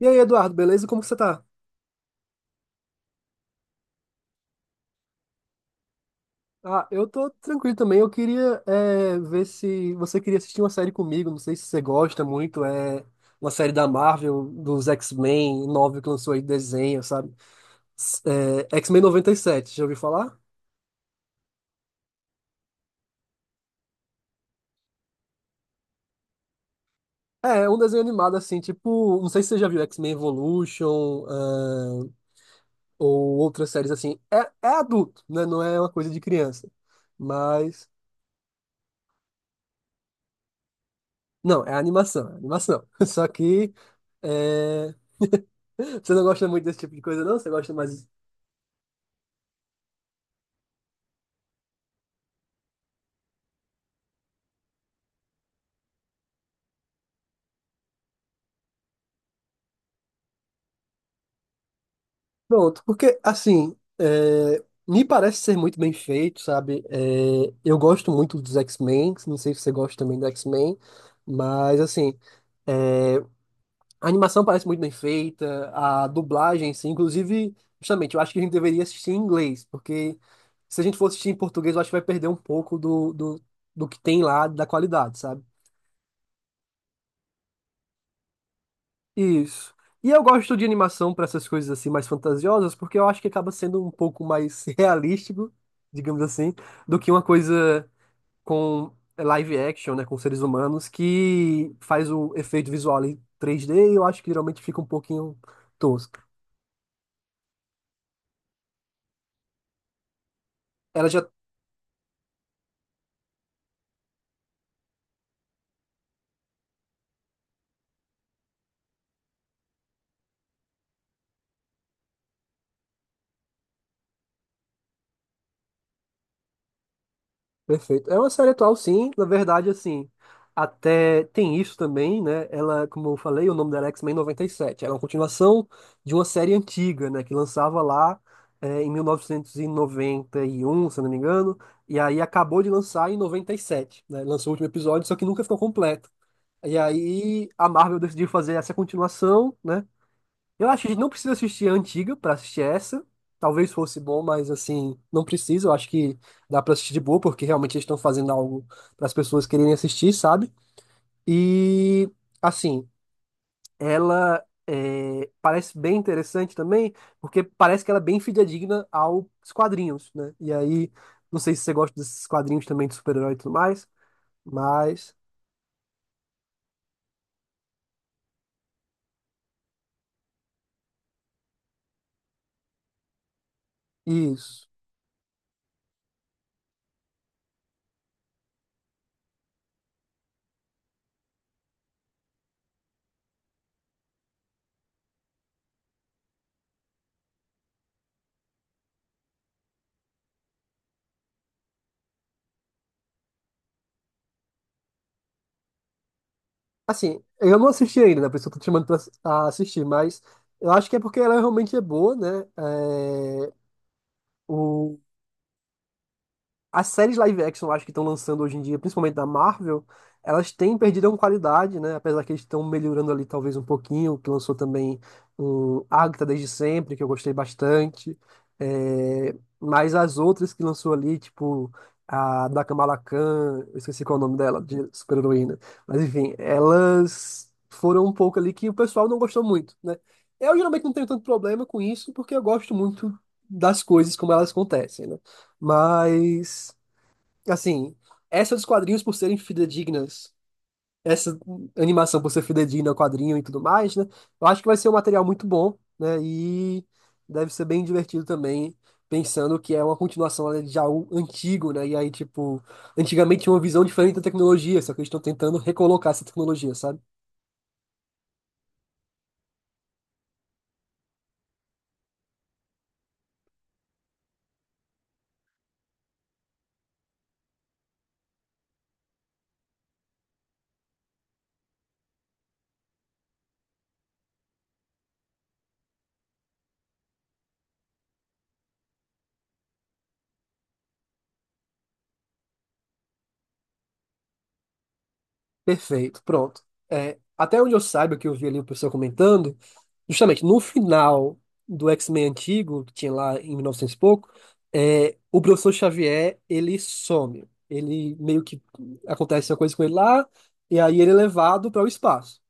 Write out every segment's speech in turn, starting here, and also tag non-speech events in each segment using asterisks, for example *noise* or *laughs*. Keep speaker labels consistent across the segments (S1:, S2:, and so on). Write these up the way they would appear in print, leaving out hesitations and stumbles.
S1: E aí, Eduardo, beleza? Como que você tá? Ah, eu tô tranquilo também. Eu queria ver se você queria assistir uma série comigo. Não sei se você gosta muito. É uma série da Marvel, dos X-Men, nova que lançou aí, desenho, sabe? S- É, X-Men noventa e sete, já ouviu falar? É, é um desenho animado assim, tipo, não sei se você já viu X-Men Evolution, ou outras séries assim. É, é adulto, né? Não é uma coisa de criança. Mas, não, é animação, é animação. *laughs* Só que. eh, Você não gosta muito desse tipo de coisa, não? Você gosta mais. Pronto, porque assim, me parece ser muito bem feito, sabe? É, eu gosto muito dos X-Men, não sei se você gosta também do X-Men, mas assim, é, a animação parece muito bem feita, a dublagem, sim. Inclusive, justamente, eu acho que a gente deveria assistir em inglês, porque se a gente for assistir em português, eu acho que vai perder um pouco do que tem lá, da qualidade, sabe? Isso. E eu gosto de animação para essas coisas assim mais fantasiosas, porque eu acho que acaba sendo um pouco mais *laughs* realístico, digamos assim, do que uma coisa com live action, né, com seres humanos, que faz o efeito visual em 3D e eu acho que geralmente fica um pouquinho tosco. Ela já Perfeito. É uma série atual, sim. Na verdade, assim, até tem isso também, né? Ela, como eu falei, o nome dela é X-Men 97. Ela é uma continuação de uma série antiga, né? Que lançava lá em 1991 se eu não me engano. E aí acabou de lançar em 97, né? Lançou o último episódio, só que nunca ficou completo. E aí a Marvel decidiu fazer essa continuação, né? Eu acho que a gente não precisa assistir a antiga pra assistir essa. Talvez fosse bom, mas assim, não precisa. Eu acho que dá pra assistir de boa, porque realmente eles estão fazendo algo para as pessoas quererem assistir, sabe? E assim, ela é, parece bem interessante também, porque parece que ela é bem fidedigna aos quadrinhos, né? E aí, não sei se você gosta desses quadrinhos também de super-herói e tudo mais, mas isso. Assim, eu não assisti ainda, né? Por isso eu tô te chamando pra ass- a assistir, mas eu acho que é porque ela realmente é boa, né? É, o, as séries live action, eu acho que estão lançando hoje em dia, principalmente da Marvel, elas têm perdido uma qualidade, né? Apesar que eles estão melhorando ali talvez um pouquinho, que lançou também um Agatha desde sempre, que eu gostei bastante. É, mas as outras que lançou ali, tipo a da Kamala Khan, eu esqueci qual é o nome dela, de super-heroína. Mas enfim, elas foram um pouco ali que o pessoal não gostou muito, né? Eu geralmente não tenho tanto problema com isso, porque eu gosto muito das coisas como elas acontecem, né? Mas assim, essa dos quadrinhos por serem fidedignas, essa animação por ser fidedigna ao quadrinho e tudo mais, né? Eu acho que vai ser um material muito bom, né? E deve ser bem divertido também, pensando que é uma continuação, né, de algo antigo, né? E aí, tipo, antigamente tinha uma visão diferente da tecnologia, só que eles estão tentando recolocar essa tecnologia, sabe? Perfeito, pronto. É, até onde eu saiba, que eu vi ali o pessoal comentando, justamente no final do X-Men antigo, que tinha lá em 1900 e novecentos e pouco, o professor Xavier, ele some. Ele meio que acontece uma coisa com ele lá, e aí ele é levado para o espaço.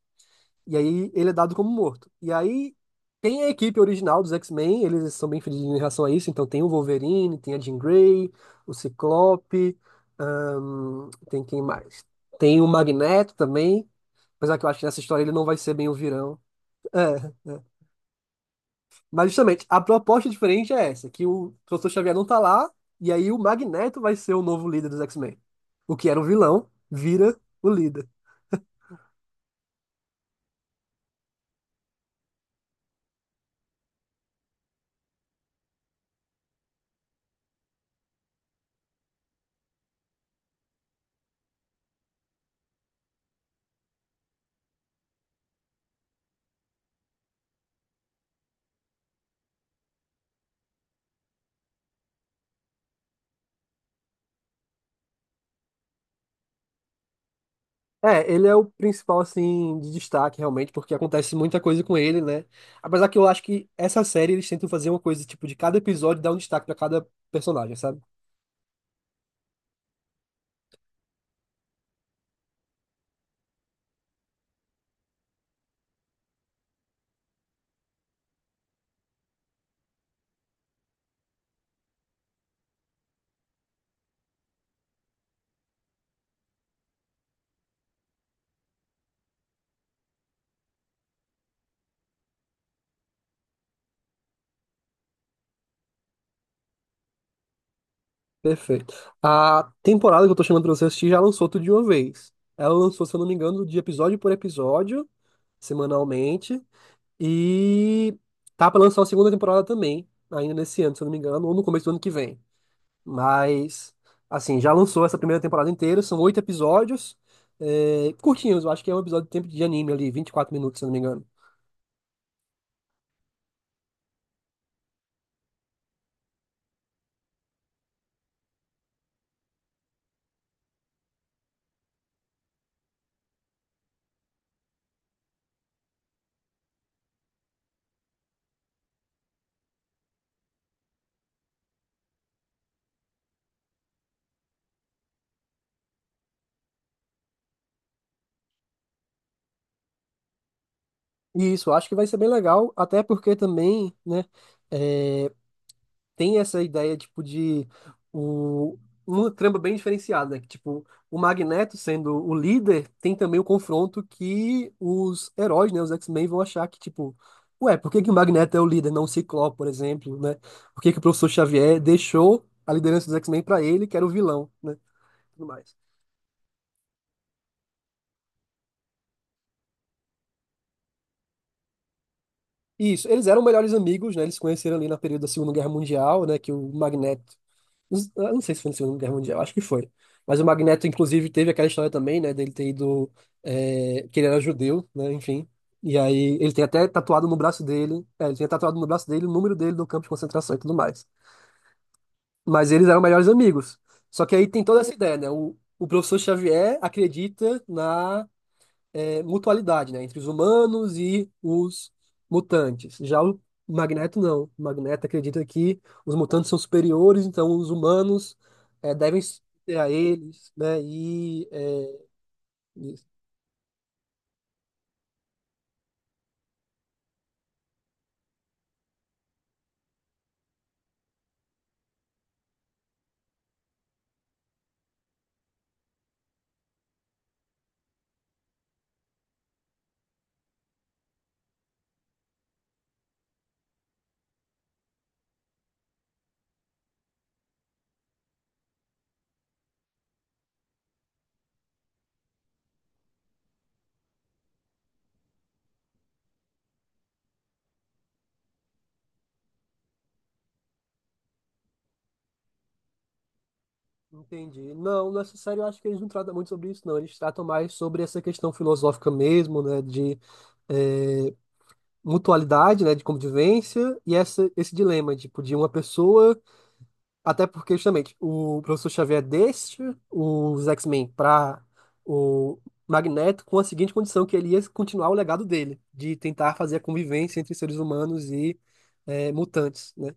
S1: E aí ele é dado como morto. E aí tem a equipe original dos X-Men, eles são bem felizes em relação a isso. Então tem o Wolverine, tem a Jean Grey, o Ciclope, tem quem mais? Tem o Magneto também, apesar que eu acho que nessa história ele não vai ser bem o virão. É, é. Mas justamente, a proposta diferente é essa, que o Professor Xavier não tá lá, e aí o Magneto vai ser o novo líder dos X-Men. O que era o vilão, vira o líder. É, ele é o principal, assim, de destaque, realmente, porque acontece muita coisa com ele, né? Apesar que eu acho que essa série eles tentam fazer uma coisa, tipo, de cada episódio dar um destaque pra cada personagem, sabe? Perfeito. A temporada que eu tô chamando pra você assistir já lançou tudo de uma vez. Ela lançou, se eu não me engano, de episódio por episódio, semanalmente. E tá pra lançar a segunda temporada também, ainda nesse ano, se eu não me engano, ou no começo do ano que vem. Mas, assim, já lançou essa primeira temporada inteira, são 8 episódios, curtinhos, eu acho que é um episódio de tempo de anime ali, 24 minutos, se eu não me engano. E isso, eu acho que vai ser bem legal, até porque também, né, é, tem essa ideia, tipo, de o, uma trama bem diferenciada, né? Que, tipo, o Magneto sendo o líder, tem também o confronto que os heróis, né, os X-Men vão achar que, tipo, ué, por que que o Magneto é o líder, não o Ciclope, por exemplo, né? Por que que o professor Xavier deixou a liderança dos X-Men pra ele, que era o vilão, né? Tudo mais. Isso, eles eram melhores amigos, né? Eles se conheceram ali na período da Segunda Guerra Mundial, né? Que o Magneto eu não sei se foi na Segunda Guerra Mundial, acho que foi. Mas o Magneto, inclusive, teve aquela história também, né, dele ter ido, que ele era judeu, né, enfim. E aí ele tem até tatuado no braço dele, ele tinha tatuado no braço dele o número dele do campo de concentração e tudo mais. Mas eles eram melhores amigos. Só que aí tem toda essa ideia, né? O professor Xavier acredita na mutualidade, né, entre os humanos e os mutantes. Já o Magneto não. O Magneto acredita que os mutantes são superiores, então os humanos devem se ter a eles, né? E isso. Entendi. Não, nessa série eu acho que eles não tratam muito sobre isso, não. Eles tratam mais sobre essa questão filosófica mesmo, né, de é, mutualidade, né, de convivência e essa, esse dilema, tipo, de uma pessoa. Até porque, justamente, o professor Xavier deixa os X-Men para o Magneto com a seguinte condição, que ele ia continuar o legado dele, de tentar fazer a convivência entre seres humanos e mutantes, né?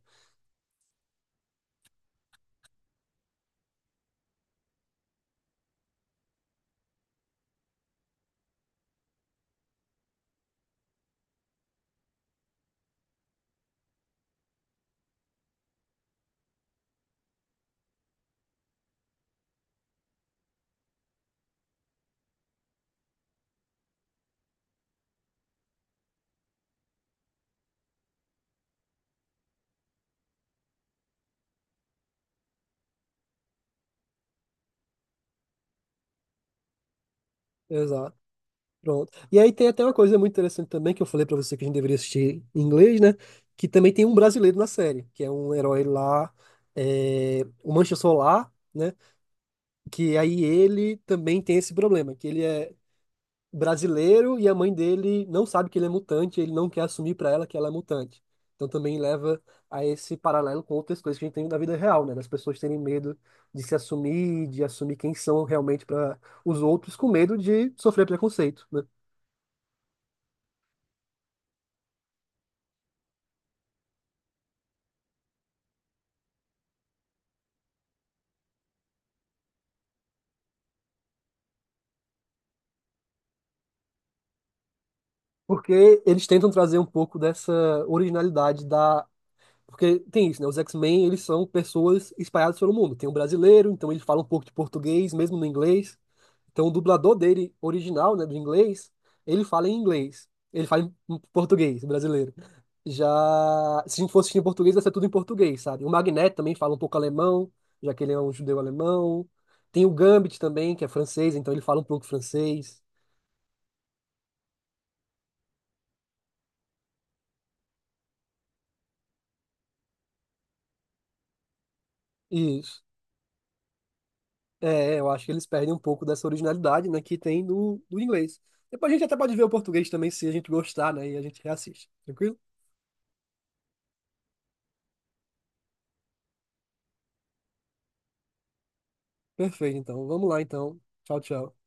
S1: Exato. Pronto. E aí tem até uma coisa muito interessante também, que eu falei para você que a gente deveria assistir em inglês, né? Que também tem um brasileiro na série, que é um herói lá, o Mancha Solar, né? Que aí ele também tem esse problema, que ele é brasileiro e a mãe dele não sabe que ele é mutante, ele não quer assumir para ela que ela é mutante. Então também leva a esse paralelo com outras coisas que a gente tem na vida real, né? Das pessoas terem medo de se assumir, de assumir quem são realmente para os outros, com medo de sofrer preconceito, né? Porque eles tentam trazer um pouco dessa originalidade da Porque tem isso, né? Os X-Men, eles são pessoas espalhadas pelo mundo. Tem um brasileiro, então ele fala um pouco de português, mesmo no inglês. Então o dublador dele, original, né, do inglês, ele fala em inglês. Ele fala em português, brasileiro. Já, se a gente fosse assistir em português, ia ser tudo em português, sabe? O Magneto também fala um pouco alemão, já que ele é um judeu alemão. Tem o Gambit também, que é francês, então ele fala um pouco francês. Isso. É, eu acho que eles perdem um pouco dessa originalidade, né, que tem do inglês. Depois a gente até pode ver o português também, se a gente gostar, né, e a gente reassiste. Tranquilo? Perfeito, então. Vamos lá, então. Tchau, tchau.